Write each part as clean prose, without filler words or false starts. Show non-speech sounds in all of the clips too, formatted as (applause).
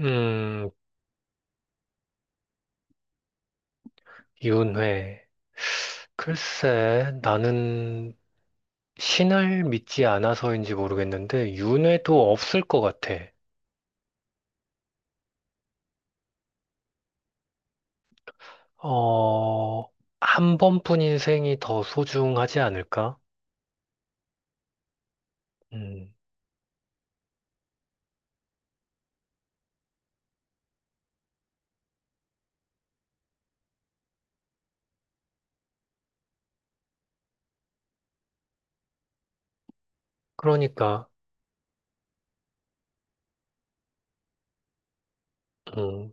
음, 윤회. 글쎄, 나는 신을 믿지 않아서인지 모르겠는데, 윤회도 없을 것 같아. 어, 한 번뿐 인생이 더 소중하지 않을까? 음, 그러니까, 음,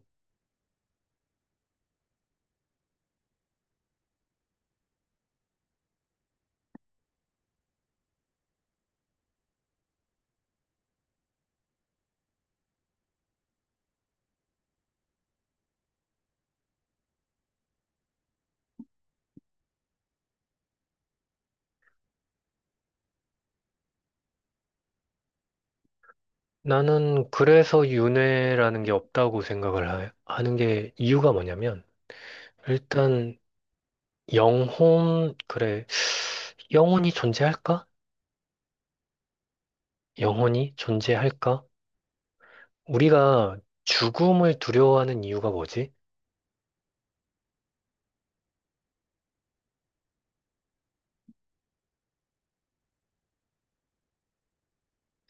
나는 그래서 윤회라는 게 없다고 생각을 하는 게 이유가 뭐냐면, 일단, 영혼, 그래, 영혼이 존재할까? 영혼이 존재할까? 우리가 죽음을 두려워하는 이유가 뭐지?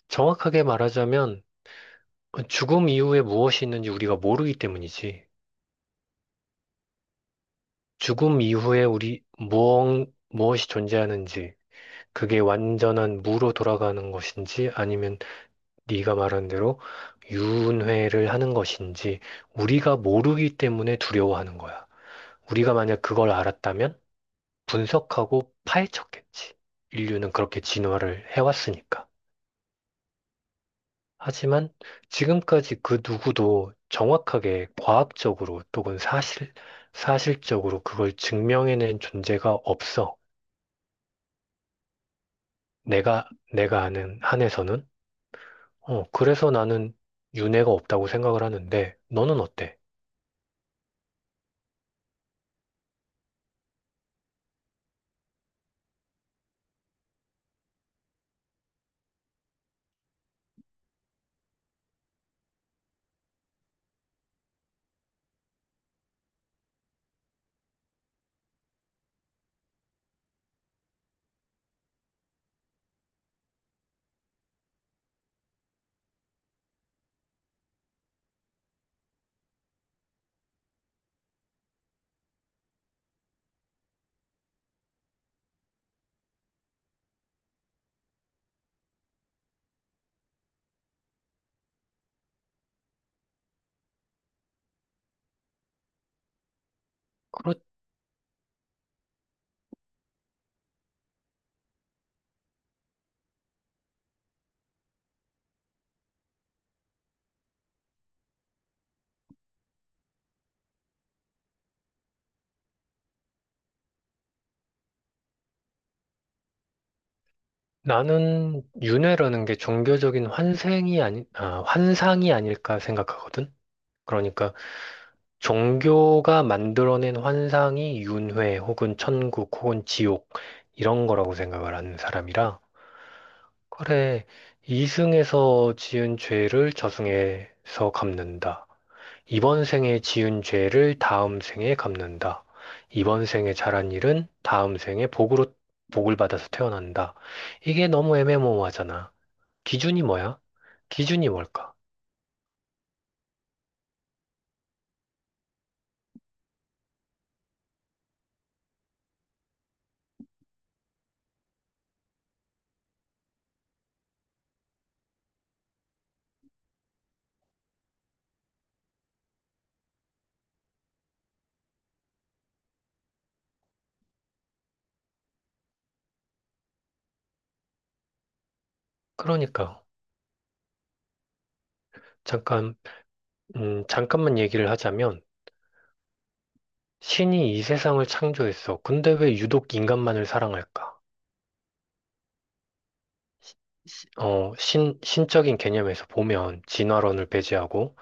정확하게 말하자면 그 죽음 이후에 무엇이 있는지 우리가 모르기 때문이지. 죽음 이후에 우리 무엇이 존재하는지, 그게 완전한 무로 돌아가는 것인지 아니면 네가 말한 대로 유은회를 하는 것인지 우리가 모르기 때문에 두려워하는 거야. 우리가 만약 그걸 알았다면 분석하고 파헤쳤겠지. 인류는 그렇게 진화를 해왔으니까. 하지만 지금까지 그 누구도 정확하게 과학적으로 또는 사실적으로 그걸 증명해낸 존재가 없어. 내가, 내가 아는 한에서는. 그래서 나는 윤회가 없다고 생각을 하는데, 너는 어때? 그렇, 나는 윤회라는 게 종교적인 환생이 아니, 아, 환상이 아닐까 생각하거든? 그러니까 종교가 만들어낸 환상이 윤회 혹은 천국 혹은 지옥 이런 거라고 생각을 하는 사람이라. 그래, 이승에서 지은 죄를 저승에서 갚는다. 이번 생에 지은 죄를 다음 생에 갚는다. 이번 생에 잘한 일은 다음 생에 복으로 복을 받아서 태어난다. 이게 너무 애매모호하잖아. 기준이 뭐야? 기준이 뭘까? 그러니까 잠깐 잠깐만 얘기를 하자면 신이 이 세상을 창조했어. 근데 왜 유독 인간만을 사랑할까? 신적인 개념에서 보면 진화론을 배제하고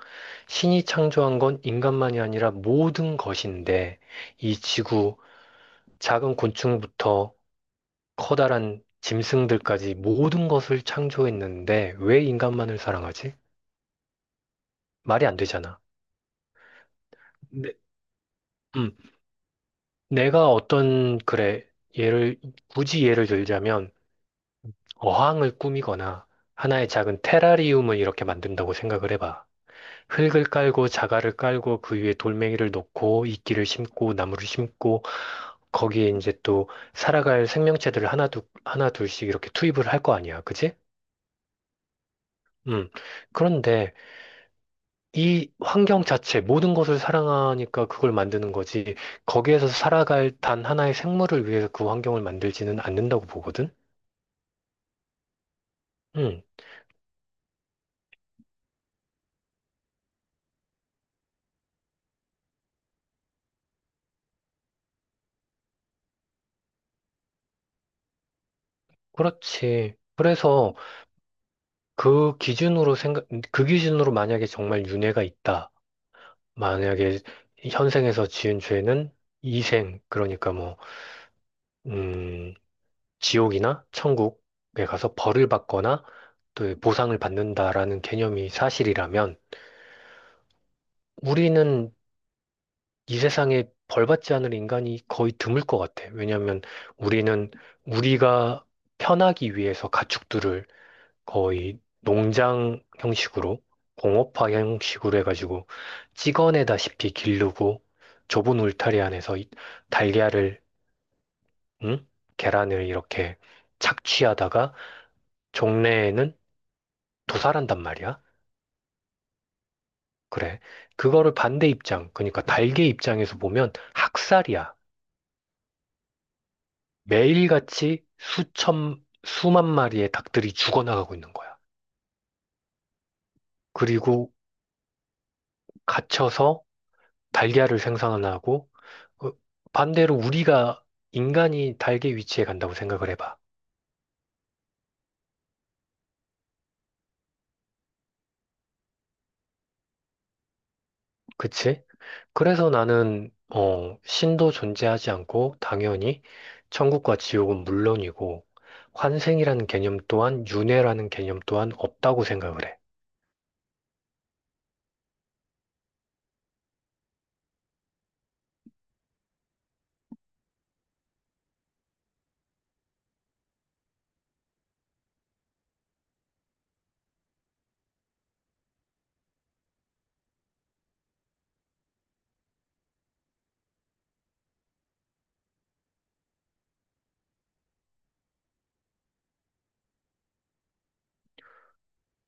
신이 창조한 건 인간만이 아니라 모든 것인데 이 지구, 작은 곤충부터 커다란 짐승들까지 모든 것을 창조했는데 왜 인간만을 사랑하지? 말이 안 되잖아. 네. 음, 내가 어떤, 그래, 예를, 굳이 예를 들자면 어항을 꾸미거나 하나의 작은 테라리움을 이렇게 만든다고 생각을 해봐. 흙을 깔고 자갈을 깔고 그 위에 돌멩이를 놓고 이끼를 심고 나무를 심고 거기에 이제 또 살아갈 생명체들을 하나 둘 하나 둘씩 이렇게 투입을 할 거 아니야. 그지? 음. 그런데 이 환경 자체 모든 것을 사랑하니까 그걸 만드는 거지. 거기에서 살아갈 단 하나의 생물을 위해서 그 환경을 만들지는 않는다고 보거든. 음. 그렇지. 그래서 그 기준으로 생각, 그 기준으로 만약에 정말 윤회가 있다. 만약에 현생에서 지은 죄는 이생, 그러니까 뭐, 음, 지옥이나 천국에 가서 벌을 받거나 또 보상을 받는다라는 개념이 사실이라면 우리는 이 세상에 벌 받지 않을 인간이 거의 드물 것 같아. 왜냐하면 우리는 우리가 편하기 위해서 가축들을 거의 농장 형식으로 공업화 형식으로 해가지고 찍어내다시피 기르고 좁은 울타리 안에서 이 달걀을 응? 계란을 이렇게 착취하다가 종래에는 도살한단 말이야. 그래. 그거를 반대 입장, 그러니까 달걀 입장에서 보면 학살이야. 매일같이 수천, 수만 마리의 닭들이 죽어나가고 있는 거야. 그리고 갇혀서 달걀을 생산을 하고 어, 반대로 우리가 인간이 달걀 위치에 간다고 생각을 해봐. 그치? 그래서 나는 신도 존재하지 않고 당연히 천국과 지옥은 물론이고 환생이라는 개념 또한 윤회라는 개념 또한 없다고 생각을 해.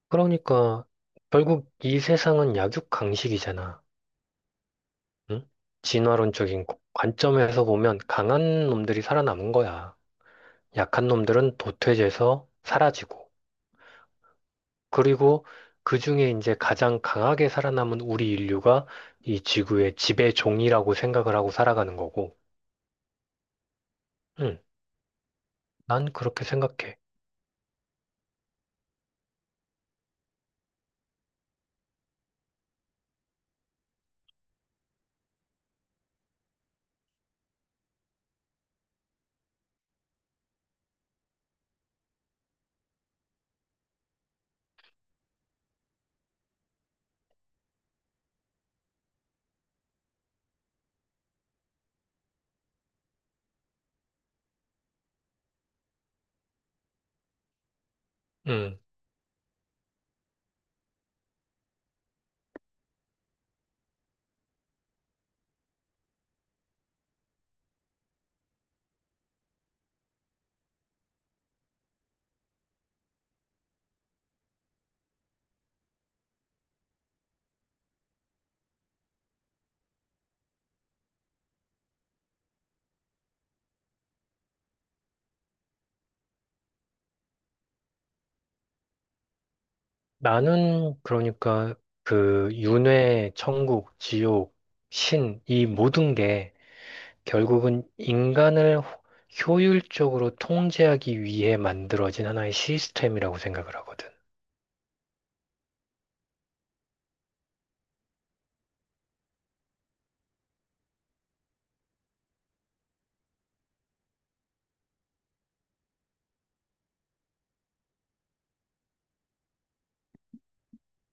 그러니까 결국 이 세상은 약육강식이잖아. 응? 진화론적인 관점에서 보면 강한 놈들이 살아남은 거야. 약한 놈들은 도태돼서 사라지고. 그리고 그 중에 이제 가장 강하게 살아남은 우리 인류가 이 지구의 지배종이라고 생각을 하고 살아가는 거고, 응, 난 그렇게 생각해. 응, 나는 그러니까 그 윤회, 천국, 지옥, 신, 이 모든 게 결국은 인간을 효율적으로 통제하기 위해 만들어진 하나의 시스템이라고 생각을 하거든.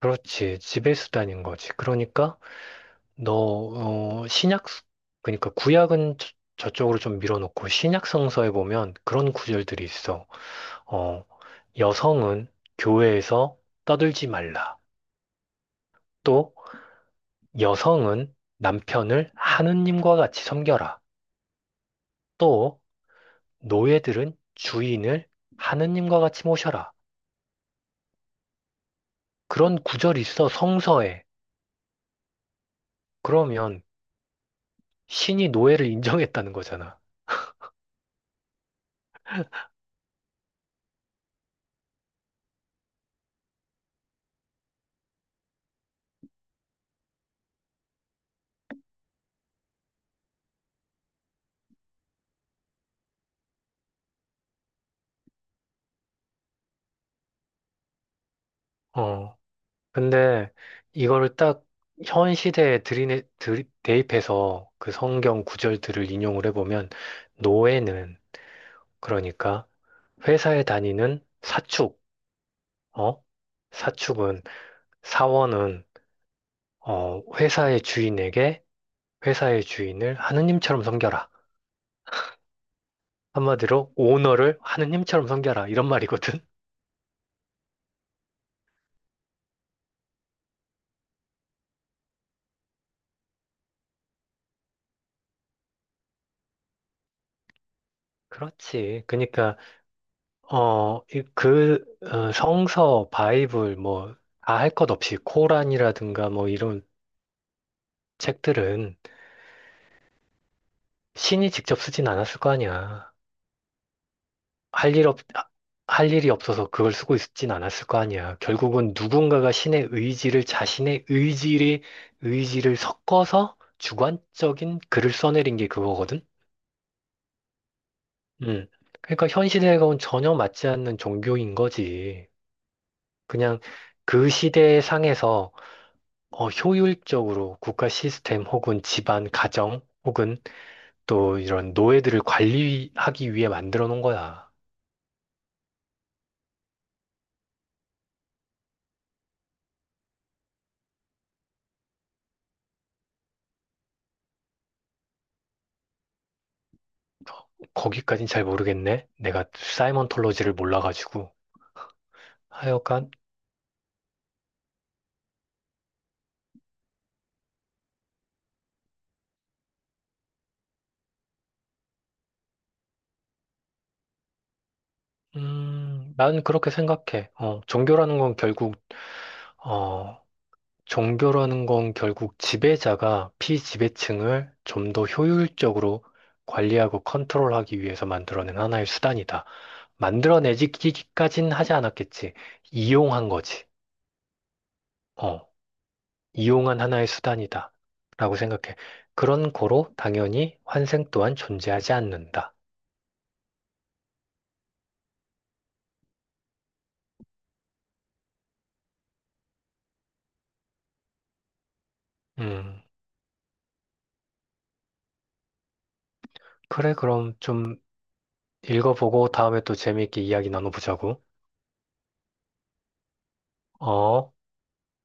그렇지, 지배수단인 거지. 그러니까 너, 어, 신약, 그러니까 구약은 저쪽으로 좀 밀어놓고 신약 성서에 보면 그런 구절들이 있어. 어, 여성은 교회에서 떠들지 말라. 또 여성은 남편을 하느님과 같이 섬겨라. 또 노예들은 주인을 하느님과 같이 모셔라. 그런 구절이 있어, 성서에. 그러면 신이 노예를 인정했다는 거잖아. 어. 근데 이거를 딱 현 시대에 대입해서 그 성경 구절들을 인용을 해보면 노예는 그러니까 회사에 다니는 사축, 어? 사축은 사원은 어, 회사의 주인에게 회사의 주인을 하느님처럼 섬겨라. 한마디로 오너를 하느님처럼 섬겨라 이런 말이거든. (laughs) 그렇지. 그러니까 성서, 바이블 뭐 다 할 것 없이 코란이라든가 뭐 이런 책들은 신이 직접 쓰진 않았을 거 아니야. 할 일 없, 아, 할 일이 없어서 그걸 쓰고 있진 않았을 거 아니야. 결국은 누군가가 신의 의지를 자신의 의지를, 의지를 섞어서 주관적인 글을 써내린 게 그거거든? 음. 그러니까 현 시대하고는 전혀 맞지 않는 종교인 거지. 그냥 그 시대의 상에서 효율적으로 국가 시스템 혹은 집안, 가정 혹은 또 이런 노예들을 관리하기 위해 만들어 놓은 거야. 거기까진 잘 모르겠네. 내가 사이먼톨로지를 몰라가지고. 하여간, 난 그렇게 생각해. 어, 종교라는 건 결국 지배자가 피지배층을 좀 더 효율적으로 관리하고 컨트롤하기 위해서 만들어낸 하나의 수단이다. 만들어내기까진 하지 않았겠지. 이용한 거지. 어, 이용한 하나의 수단이다. 라고 생각해. 그런 거로 당연히 환생 또한 존재하지 않는다. 음. 그래, 그럼 좀 읽어보고 다음에 또 재미있게 이야기 나눠보자고. 어?